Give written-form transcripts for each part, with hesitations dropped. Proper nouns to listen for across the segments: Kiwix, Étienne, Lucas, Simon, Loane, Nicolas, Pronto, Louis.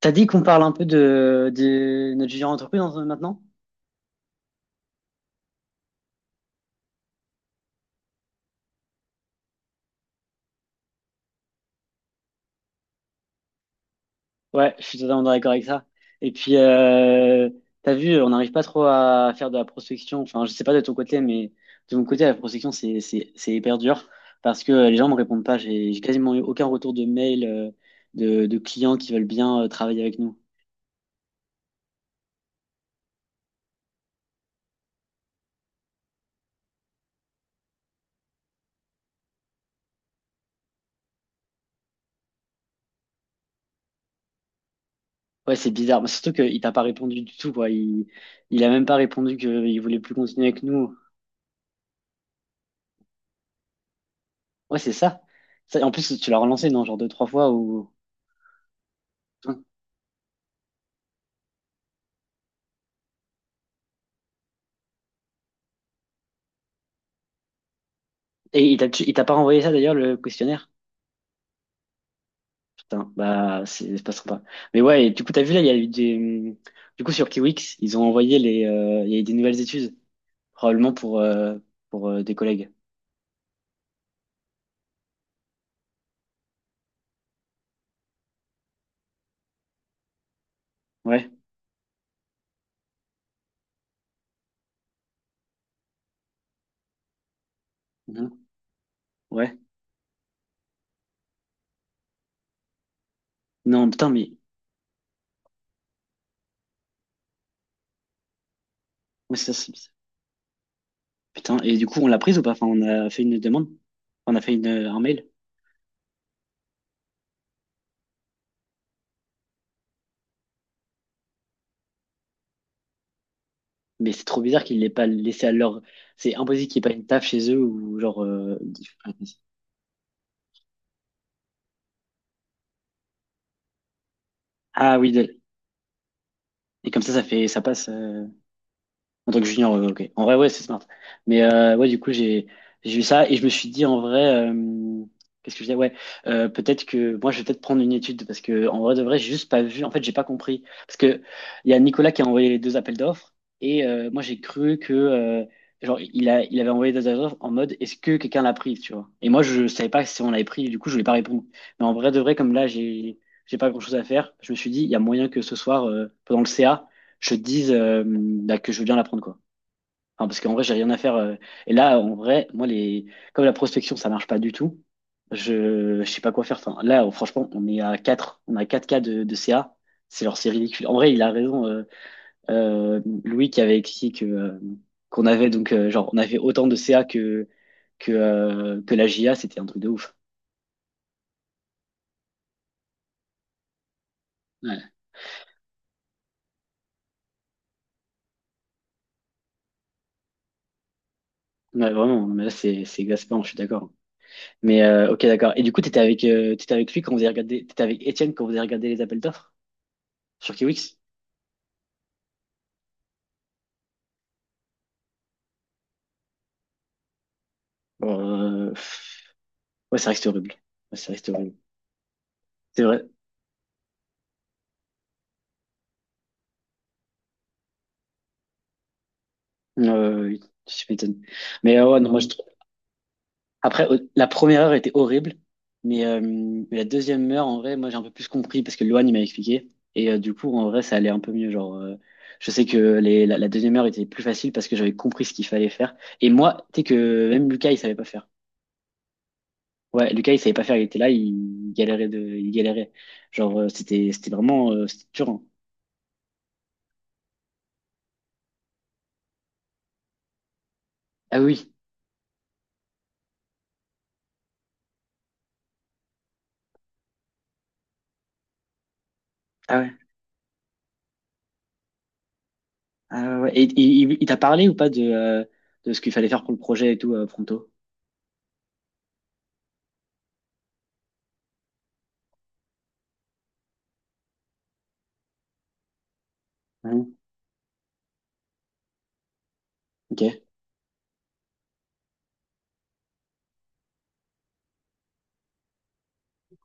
T'as dit qu'on parle un peu de notre future entreprise maintenant? Ouais, je suis totalement d'accord avec ça. Et puis, t'as vu, on n'arrive pas trop à faire de la prospection. Enfin, je sais pas de ton côté, mais de mon côté, la prospection, c'est hyper dur parce que les gens me répondent pas. J'ai quasiment eu aucun retour de mail, de clients qui veulent bien travailler avec nous. Ouais, c'est bizarre. Mais surtout qu'il t'a pas répondu du tout, quoi. Il a même pas répondu qu'il voulait plus continuer avec nous. Ouais, c'est ça. Ça, en plus, tu l'as relancé, non? Genre deux, trois fois ou. Et il t'a pas renvoyé ça d'ailleurs, le questionnaire? Putain, bah c'est pas sympa. Mais ouais, et du coup, t'as vu là, il y a eu des. Du coup, sur Kiwix, ils ont envoyé les. Il y a eu des nouvelles études, probablement pour des collègues. Ouais. Mhm. Ouais. Non, putain, mais. Ouais, ça, c'est bizarre. Putain, et du coup, on l'a prise ou pas? Enfin, on a fait une demande. On a fait un mail. Mais c'est trop bizarre qu'ils l'aient pas laissé à leur. C'est impossible qu'il n'y ait pas une taf chez eux ou genre. Ah oui, et comme ça fait. Ça passe. En tant que junior, ouais, ok. En vrai, ouais, c'est smart. Mais ouais, du coup, j'ai eu ça et je me suis dit en vrai, euh, qu'est-ce que je disais? Ouais, peut-être que moi, je vais peut-être prendre une étude parce que en vrai de vrai, j'ai juste pas vu. En fait, j'ai pas compris parce que il y a Nicolas qui a envoyé les deux appels d'offres et moi, j'ai cru que genre il avait envoyé des appels d'offres en mode est-ce que quelqu'un l'a pris, tu vois? Et moi, je savais pas si on l'avait pris. Du coup, je voulais pas répondre. Mais en vrai de vrai, comme là, j'ai pas grand-chose à faire, je me suis dit il y a moyen que ce soir pendant le CA je te dise bah, que je veux bien l'apprendre, quoi. Enfin, parce qu'en vrai, j'ai rien à faire. Et là, en vrai, moi, les, comme la prospection, ça marche pas du tout, je sais pas quoi faire. Enfin, là, oh, franchement, on est à 4. On a 4 cas de CA. C'est genre, c'est ridicule. En vrai, il a raison, Louis, qui avait écrit que, qu'on avait donc, genre, on avait autant de CA que la JA, c'était un truc de ouf. Ouais, ouais, vraiment, mais là, c'est exaspérant, je suis d'accord. Mais ok, d'accord. Et du coup, t'étais avec lui quand vous avez regardé, t'étais avec Étienne quand vous avez regardé les appels d'offres sur Kiwix? Bon, ouais, ça reste horrible. Ouais, ça reste horrible. C'est vrai. Oui, je m'étonne. Mais ouais, non, moi, je trouve- Après, la première heure était horrible, mais la deuxième heure, en vrai, moi, j'ai un peu plus compris parce que Loane, il m'a expliqué. Et du coup, en vrai, ça allait un peu mieux. Genre, je sais que la deuxième heure était plus facile parce que j'avais compris ce qu'il fallait faire. Et moi, tu sais que même Lucas, il savait pas faire. Ouais, Lucas, il savait pas faire, il était là, il galérait. Genre, c'était vraiment, c'était dur. Hein. Ah oui, ah ouais, ah ouais. Ouais. Et il t'a parlé ou pas de ce qu'il fallait faire pour le projet et tout, Pronto? Hein. Ok,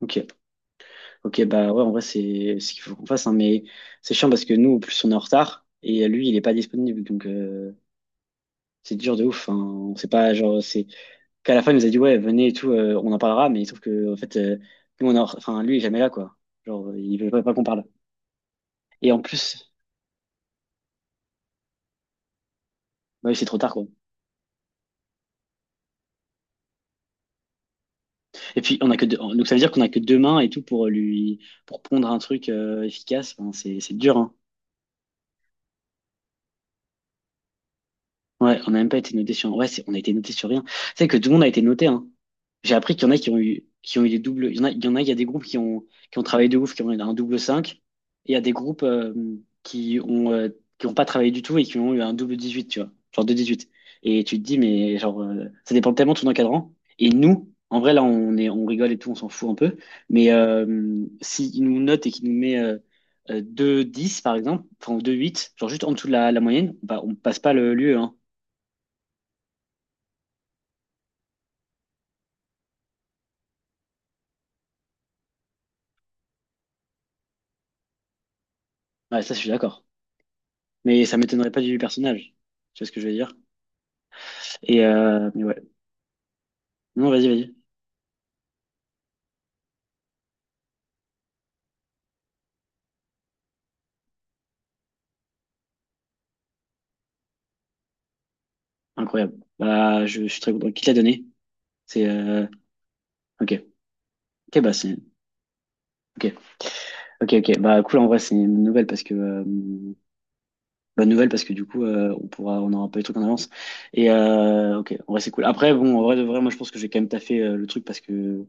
ok, ok. Bah ouais, en vrai, c'est ce qu'il faut qu'on fasse, hein, mais c'est chiant parce que nous, en plus, on est en retard et lui, il est pas disponible, donc c'est dur de ouf. Hein. On sait pas, genre, c'est qu'à la fin, il nous a dit ouais, venez et tout, on en parlera, mais sauf que en fait, nous, enfin, lui, il est jamais là, quoi. Genre, il veut pas qu'on parle. Et en plus. Ouais, c'est trop tard, quoi. Et puis, on a que deux. Donc, ça veut dire qu'on a que deux mains et tout pour lui, pour pondre un truc efficace. Enfin, c'est dur, hein. Ouais, on n'a même pas été noté sur. Ouais, on a été noté sur rien. C'est que tout le monde a été noté, hein. J'ai appris qu'il y en a qui ont eu des doubles. Il y en a, il y en a, il y a des groupes qui ont travaillé de ouf, qui ont eu un double cinq. Et il y a des groupes qui ont, euh, qui ont pas travaillé du tout et qui ont eu un double 18 tu vois. Genre de 18. Et tu te dis, mais genre, ça dépend tellement de ton encadrant. Et nous, en vrai, là, on est, on rigole et tout, on s'en fout un peu. Mais s'il nous note et qu'il nous met 2-10, par exemple, enfin, deux huit genre juste en dessous de la moyenne, bah, on passe pas le l'UE, Ouais, ça, je suis d'accord. Mais ça m'étonnerait pas du personnage. Tu vois ce que je veux dire? Et mais ouais. Non, vas-y, vas-y. Incroyable. Bah, je suis très content. Qui te l'a donné? C'est ok. Ok, bah c'est ok. Ok, ok. Bah cool. En vrai, c'est une nouvelle parce que bonne nouvelle parce que du coup, on pourra, on aura pas peu les trucs en avance. Et ok. En vrai, c'est cool. Après, bon, en vrai de vrai, moi, je pense que j'ai quand même taffé le truc parce que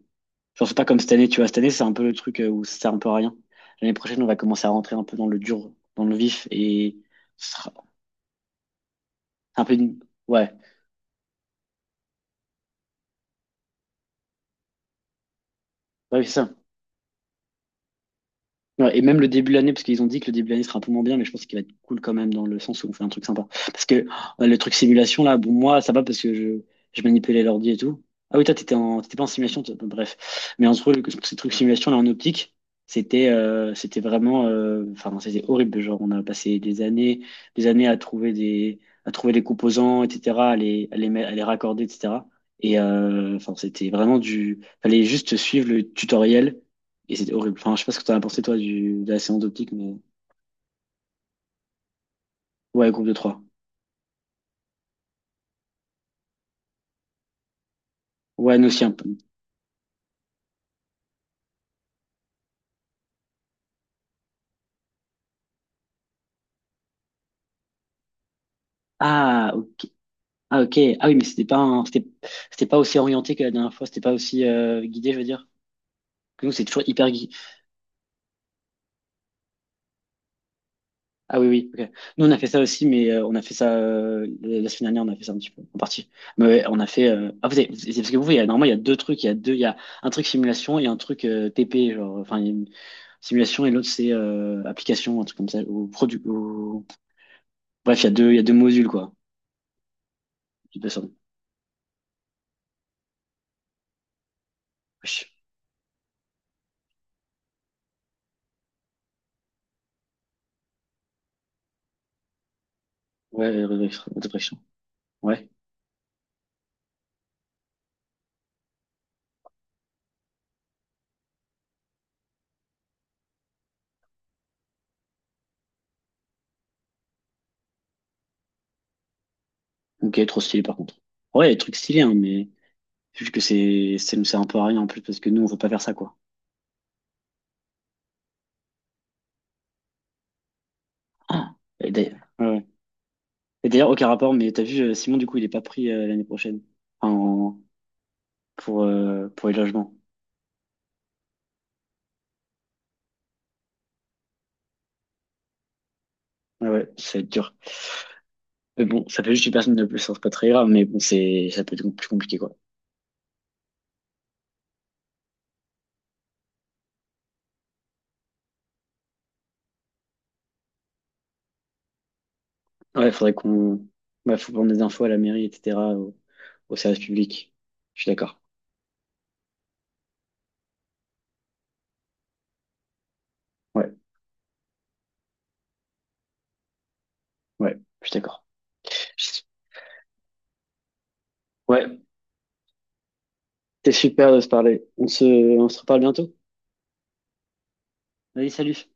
genre c'est pas comme cette année. Tu vois, cette année, c'est un peu le truc où ça sert un peu à rien. L'année prochaine, on va commencer à rentrer un peu dans le dur, dans le vif et c'est un peu une- Ouais, ouais, c'est ça. Ouais, et même le début de l'année, parce qu'ils ont dit que le début de l'année sera un peu moins bien, mais je pense qu'il va être cool quand même dans le sens où on fait un truc sympa. Parce que oh, le truc simulation, là, bon, moi, ça va parce que je manipulais l'ordi et tout. Ah oui, toi, t'étais pas en simulation, toi. Bon, bref. Mais en gros, ce truc simulation, là, en optique, c'était vraiment. Enfin, c'était horrible. Genre, on a passé des années à trouver les composants, etc., à les raccorder, etc. Et enfin, c'était vraiment du. Fallait juste suivre le tutoriel. Et c'était horrible. Enfin, je sais pas ce que t'en as pensé, toi, de la séance d'optique, mais. Ouais, groupe de trois. Ouais, nous aussi un peu. Ah, ok. Ah, ok. Ah oui, mais c'était pas c'était pas aussi orienté que la dernière fois. C'était pas aussi guidé, je veux dire. Que nous, c'est toujours hyper guidé. Ah oui, oui, ok. Nous, on a fait ça aussi, mais on a fait ça la semaine dernière, on a fait ça un petit peu, en partie. Mais ouais, on a fait. Ah, c'est parce que vous, il y a, normalement, il y a deux trucs. Il y a un truc simulation et un truc TP, genre. Enfin, il y a une simulation et l'autre, c'est application, un truc comme ça. Ou produit. Ou. Bref, il y a deux modules, quoi. J'ai pas Wesh. Ouais, Resurrection. Ouais. Ok, trop stylé par contre. Ouais, des trucs stylés, hein, mais juste que ça nous sert un peu à rien en plus parce que nous, on veut pas faire ça, quoi. Ah. Et d'ailleurs, ouais, ouais. Et d'ailleurs, aucun rapport, mais t'as vu, Simon, du coup, il est pas pris l'année prochaine en, pour les logements. Ouais, ouais, ça va être dur. Mais bon, ça fait juste une personne de plus, hein, c'est pas très grave, mais bon, ça peut être plus compliqué, quoi. Ouais, faudrait qu'on, ouais, faut prendre des infos à la mairie, etc., au service public. Je suis d'accord. Ouais, ouais, je suis d'accord. Ouais, c'était super de se parler. On se reparle bientôt. Allez, salut.